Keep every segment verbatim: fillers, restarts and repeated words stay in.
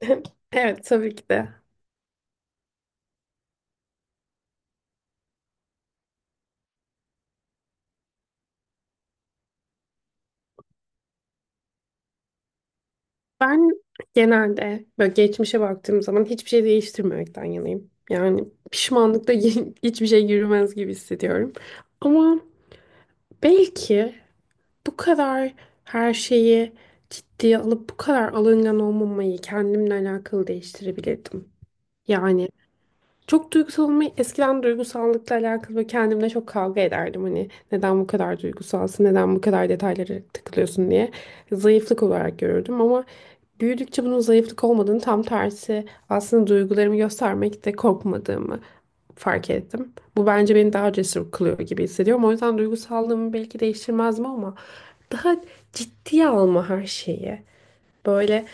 Evet, tabii ki de. Ben genelde böyle geçmişe baktığım zaman hiçbir şey değiştirmemekten yanayım. Yani pişmanlıkla hiçbir şey yürümez gibi hissediyorum. Ama belki bu kadar her şeyi ciddiye alıp bu kadar alıngan olmamayı kendimle alakalı değiştirebilirdim. Yani çok duygusal olmayı eskiden duygusallıkla alakalı böyle kendimle çok kavga ederdim. Hani neden bu kadar duygusalsın, neden bu kadar detaylara takılıyorsun diye zayıflık olarak görürdüm ama büyüdükçe bunun zayıflık olmadığını, tam tersi aslında duygularımı göstermekte korkmadığımı fark ettim. Bu bence beni daha cesur kılıyor gibi hissediyorum. O yüzden duygusallığımı belki değiştirmezdim ama daha ciddiye alma her şeyi. Böyle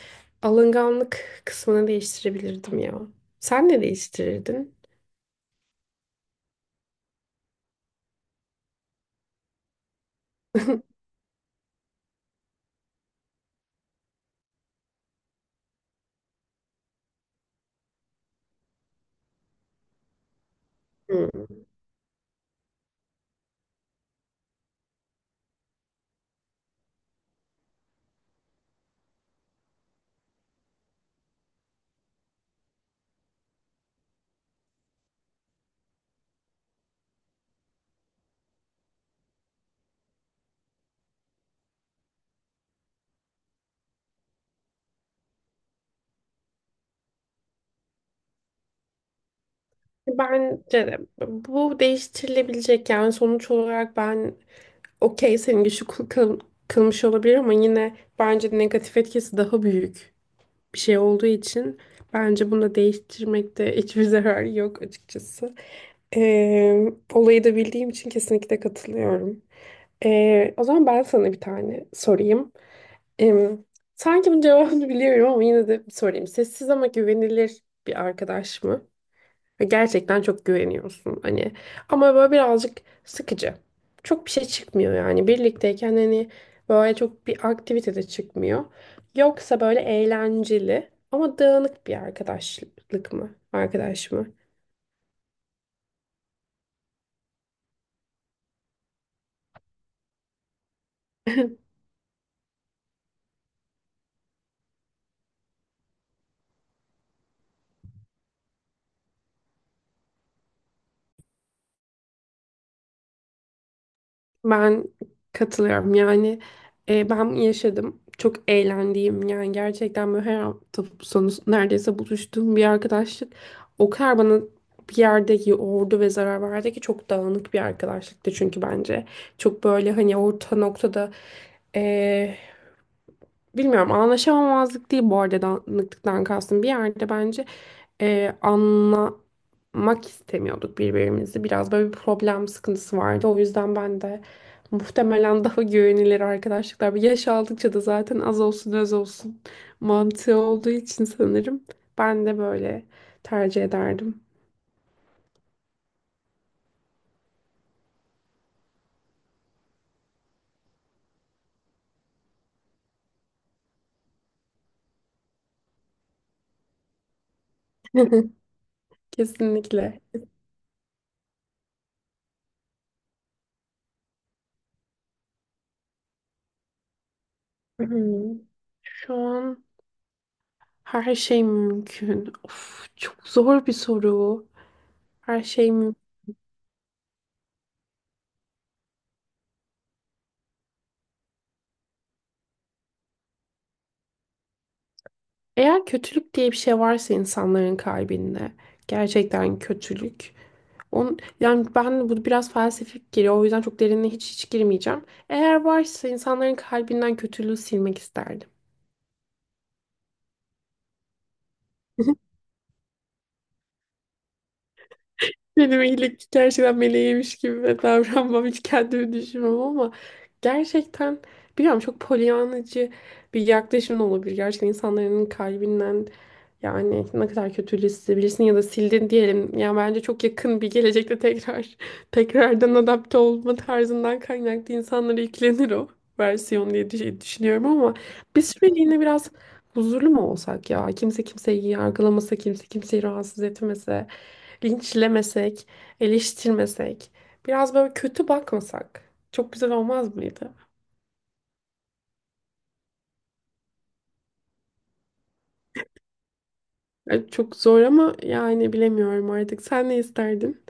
alınganlık kısmını değiştirebilirdim ya. Sen ne değiştirirdin? Hmm. Bence de bu değiştirilebilecek, yani sonuç olarak ben okey, senin güçlü kıl- kıl- kılmış olabilir ama yine bence negatif etkisi daha büyük bir şey olduğu için bence bunu da değiştirmekte hiçbir zarar yok açıkçası. Ee, Olayı da bildiğim için kesinlikle katılıyorum. Ee, o zaman ben sana bir tane sorayım. Ee, Sanki bunun cevabını biliyorum ama yine de sorayım. Sessiz ama güvenilir bir arkadaş mı? Ve gerçekten çok güveniyorsun hani. Ama böyle birazcık sıkıcı. Çok bir şey çıkmıyor yani. Birlikteyken hani böyle çok bir aktivite de çıkmıyor. Yoksa böyle eğlenceli ama dağınık bir arkadaşlık mı? Arkadaş mı? Ben katılıyorum yani. E, ben yaşadım, çok eğlendiğim, yani gerçekten böyle her hafta sonu neredeyse buluştuğum bir arkadaşlık o kadar bana bir yerde yordu ve zarar verdi ki. Çok dağınık bir arkadaşlıktı çünkü bence çok böyle hani orta noktada, e, bilmiyorum, anlaşamamazlık değil bu arada danışıklıktan kastım. Bir yerde bence e, anlamak istemiyorduk birbirimizi. Biraz böyle bir problem sıkıntısı vardı. O yüzden ben de muhtemelen daha güvenilir arkadaşlıklar. Yaş aldıkça da zaten az olsun öz olsun mantığı olduğu için sanırım. Ben de böyle tercih ederdim. Kesinlikle. Hmm, Şu an her şey mümkün. Of, çok zor bir soru. Her şey mümkün. Eğer kötülük diye bir şey varsa insanların kalbinde, gerçekten kötülük. On, yani ben bu biraz felsefik geliyor, o yüzden çok derinine hiç hiç girmeyeceğim. Eğer varsa insanların kalbinden kötülüğü silmek isterdim. Benim iyilik gerçekten meleğiymiş gibi davranmam, hiç kendimi düşünmem ama gerçekten bilmiyorum, çok polyanacı bir yaklaşım da olabilir. Gerçekten insanların kalbinden, yani ne kadar kötülüğü silebilirsin ya da sildin diyelim. Yani bence çok yakın bir gelecekte tekrar tekrardan adapte olma tarzından kaynaklı insanlara yüklenir o versiyon diye düş- düşünüyorum ama bir süreliğine biraz huzurlu mu olsak ya? Kimse kimseyi yargılamasa, kimse kimseyi rahatsız etmese. Linçlemesek, eleştirmesek, biraz böyle kötü bakmasak çok güzel olmaz mıydı? E, Çok zor ama yani bilemiyorum artık. Sen ne isterdin?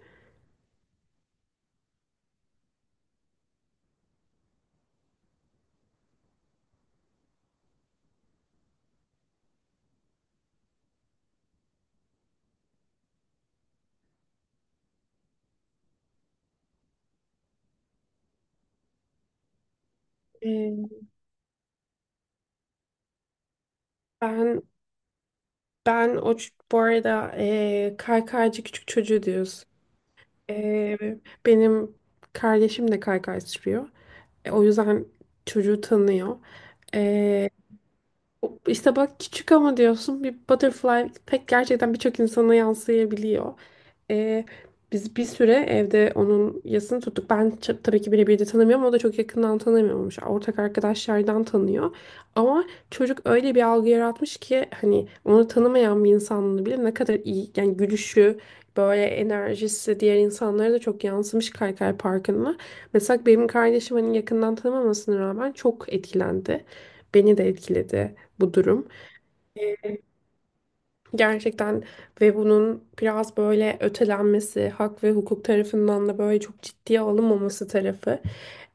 E, ben ben o ç- bu arada, e, kaykaycı küçük çocuğu diyoruz. E, Benim kardeşim de kaykay sürüyor. E, o yüzden çocuğu tanıyor. E, o- işte bak, küçük ama diyorsun, bir butterfly pek gerçekten birçok insana yansıyabiliyor. Ee, Biz bir süre evde onun yasını tuttuk. Ben ç- tabii ki birebir de tanımıyorum. O da çok yakından tanımıyormuş. Ortak arkadaşlardan tanıyor. Ama çocuk öyle bir algı yaratmış ki hani onu tanımayan bir insanla bile, ne kadar iyi yani, gülüşü, böyle enerjisi diğer insanlara da çok yansımış Kaykay Parkı'na. Mesela benim kardeşim hani yakından tanımamasına rağmen çok etkilendi. Beni de etkiledi bu durum. Gerçekten ve bunun biraz böyle ötelenmesi, hak ve hukuk tarafından da böyle çok ciddiye alınmaması tarafı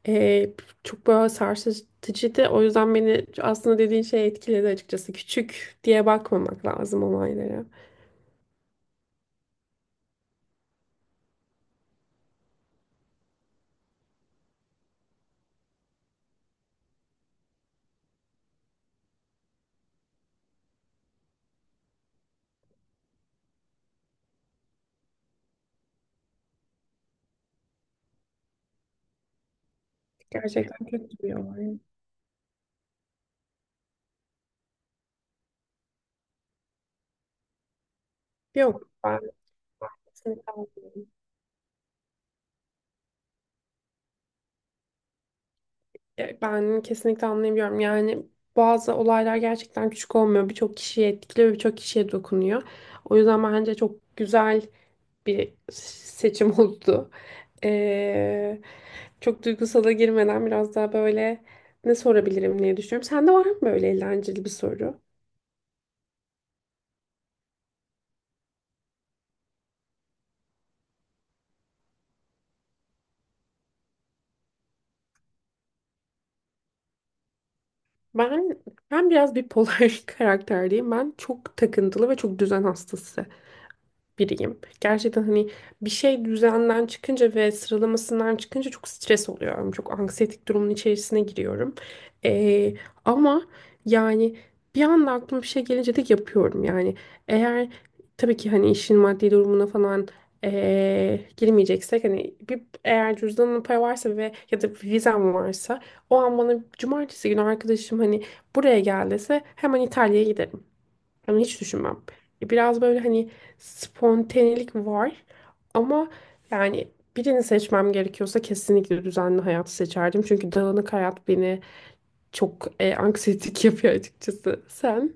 eee, çok böyle sarsıcıydı. O yüzden beni aslında dediğin şey etkiledi açıkçası. Küçük diye bakmamak lazım olaylara. Gerçekten kötü bir olay. Yok, ben kesinlikle anlıyorum. E, Ben kesinlikle anlayabiliyorum. Yani bazı olaylar gerçekten küçük olmuyor. Birçok kişiyi etkiliyor, birçok kişiye dokunuyor. O yüzden bence çok güzel bir seçim oldu. Ee, Çok duygusala girmeden biraz daha böyle ne sorabilirim diye düşünüyorum. Sende var mı böyle eğlenceli bir soru? Ben ben biraz bipolar karakterdeyim. Ben çok takıntılı ve çok düzen hastası biriyim. Gerçekten hani bir şey düzenden çıkınca ve sıralamasından çıkınca çok stres oluyorum. Çok anksiyetik durumun içerisine giriyorum. Ee, Ama yani bir anda aklıma bir şey gelince de yapıyorum. Yani eğer, tabii ki hani işin maddi durumuna falan ee, girmeyeceksek, hani bir eğer cüzdanımda para varsa ve ya da vizem varsa, o an bana cumartesi günü arkadaşım hani buraya gel dese hemen İtalya'ya giderim. Ama hiç düşünmem. E, Biraz böyle hani spontanelik var ama yani birini seçmem gerekiyorsa kesinlikle düzenli hayatı seçerdim. Çünkü dağınık hayat beni çok e, anksiyetik yapıyor açıkçası. Sen?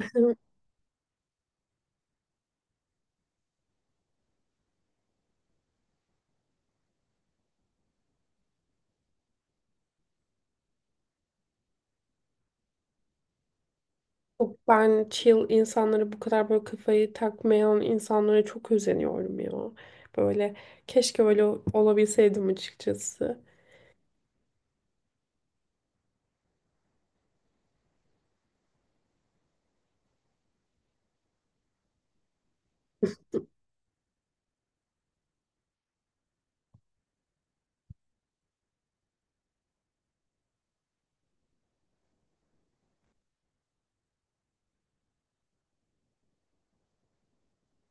Çok Ben chill insanlara, bu kadar böyle kafayı takmayan insanlara çok özeniyorum ya. Böyle keşke öyle olabilseydim açıkçası.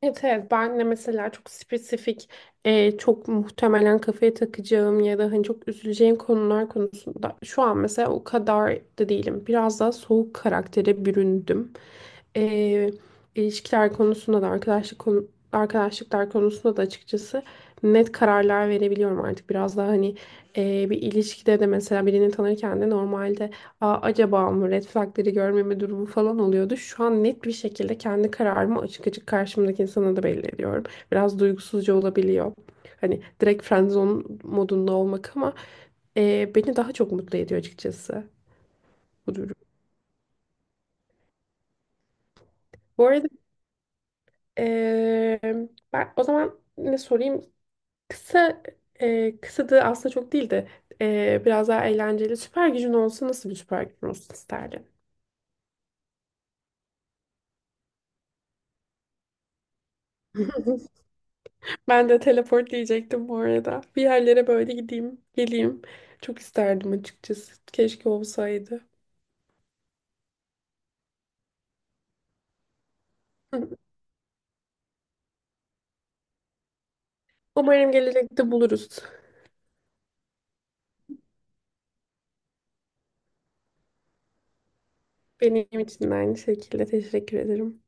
Evet, evet, ben de mesela çok spesifik e, çok muhtemelen kafaya takacağım ya da hani çok üzüleceğim konular konusunda şu an mesela o kadar da değilim. Biraz daha soğuk karaktere büründüm. E, ilişkiler konusunda da, arkadaşlık konu- arkadaşlıklar konusunda da açıkçası net kararlar verebiliyorum artık. Biraz daha hani e, bir ilişkide de mesela birini tanırken de normalde, Aa, acaba mı, red flagleri görmeme durumu falan oluyordu. Şu an net bir şekilde kendi kararımı açık açık karşımdaki insana da belli ediyorum. Biraz duygusuzca olabiliyor. Hani direkt friendzone modunda olmak ama e, beni daha çok mutlu ediyor açıkçası bu durum. Bu arada, e, ben o zaman ne sorayım? Kısa e, kısadı aslında, çok değil de e, biraz daha eğlenceli. Süper gücün olsa nasıl bir süper gücün olsun isterdin? Ben de teleport diyecektim bu arada. Bir yerlere böyle gideyim, geleyim. Çok isterdim açıkçası. Keşke olsaydı. Umarım gelecekte buluruz. Benim için de aynı şekilde, teşekkür ederim.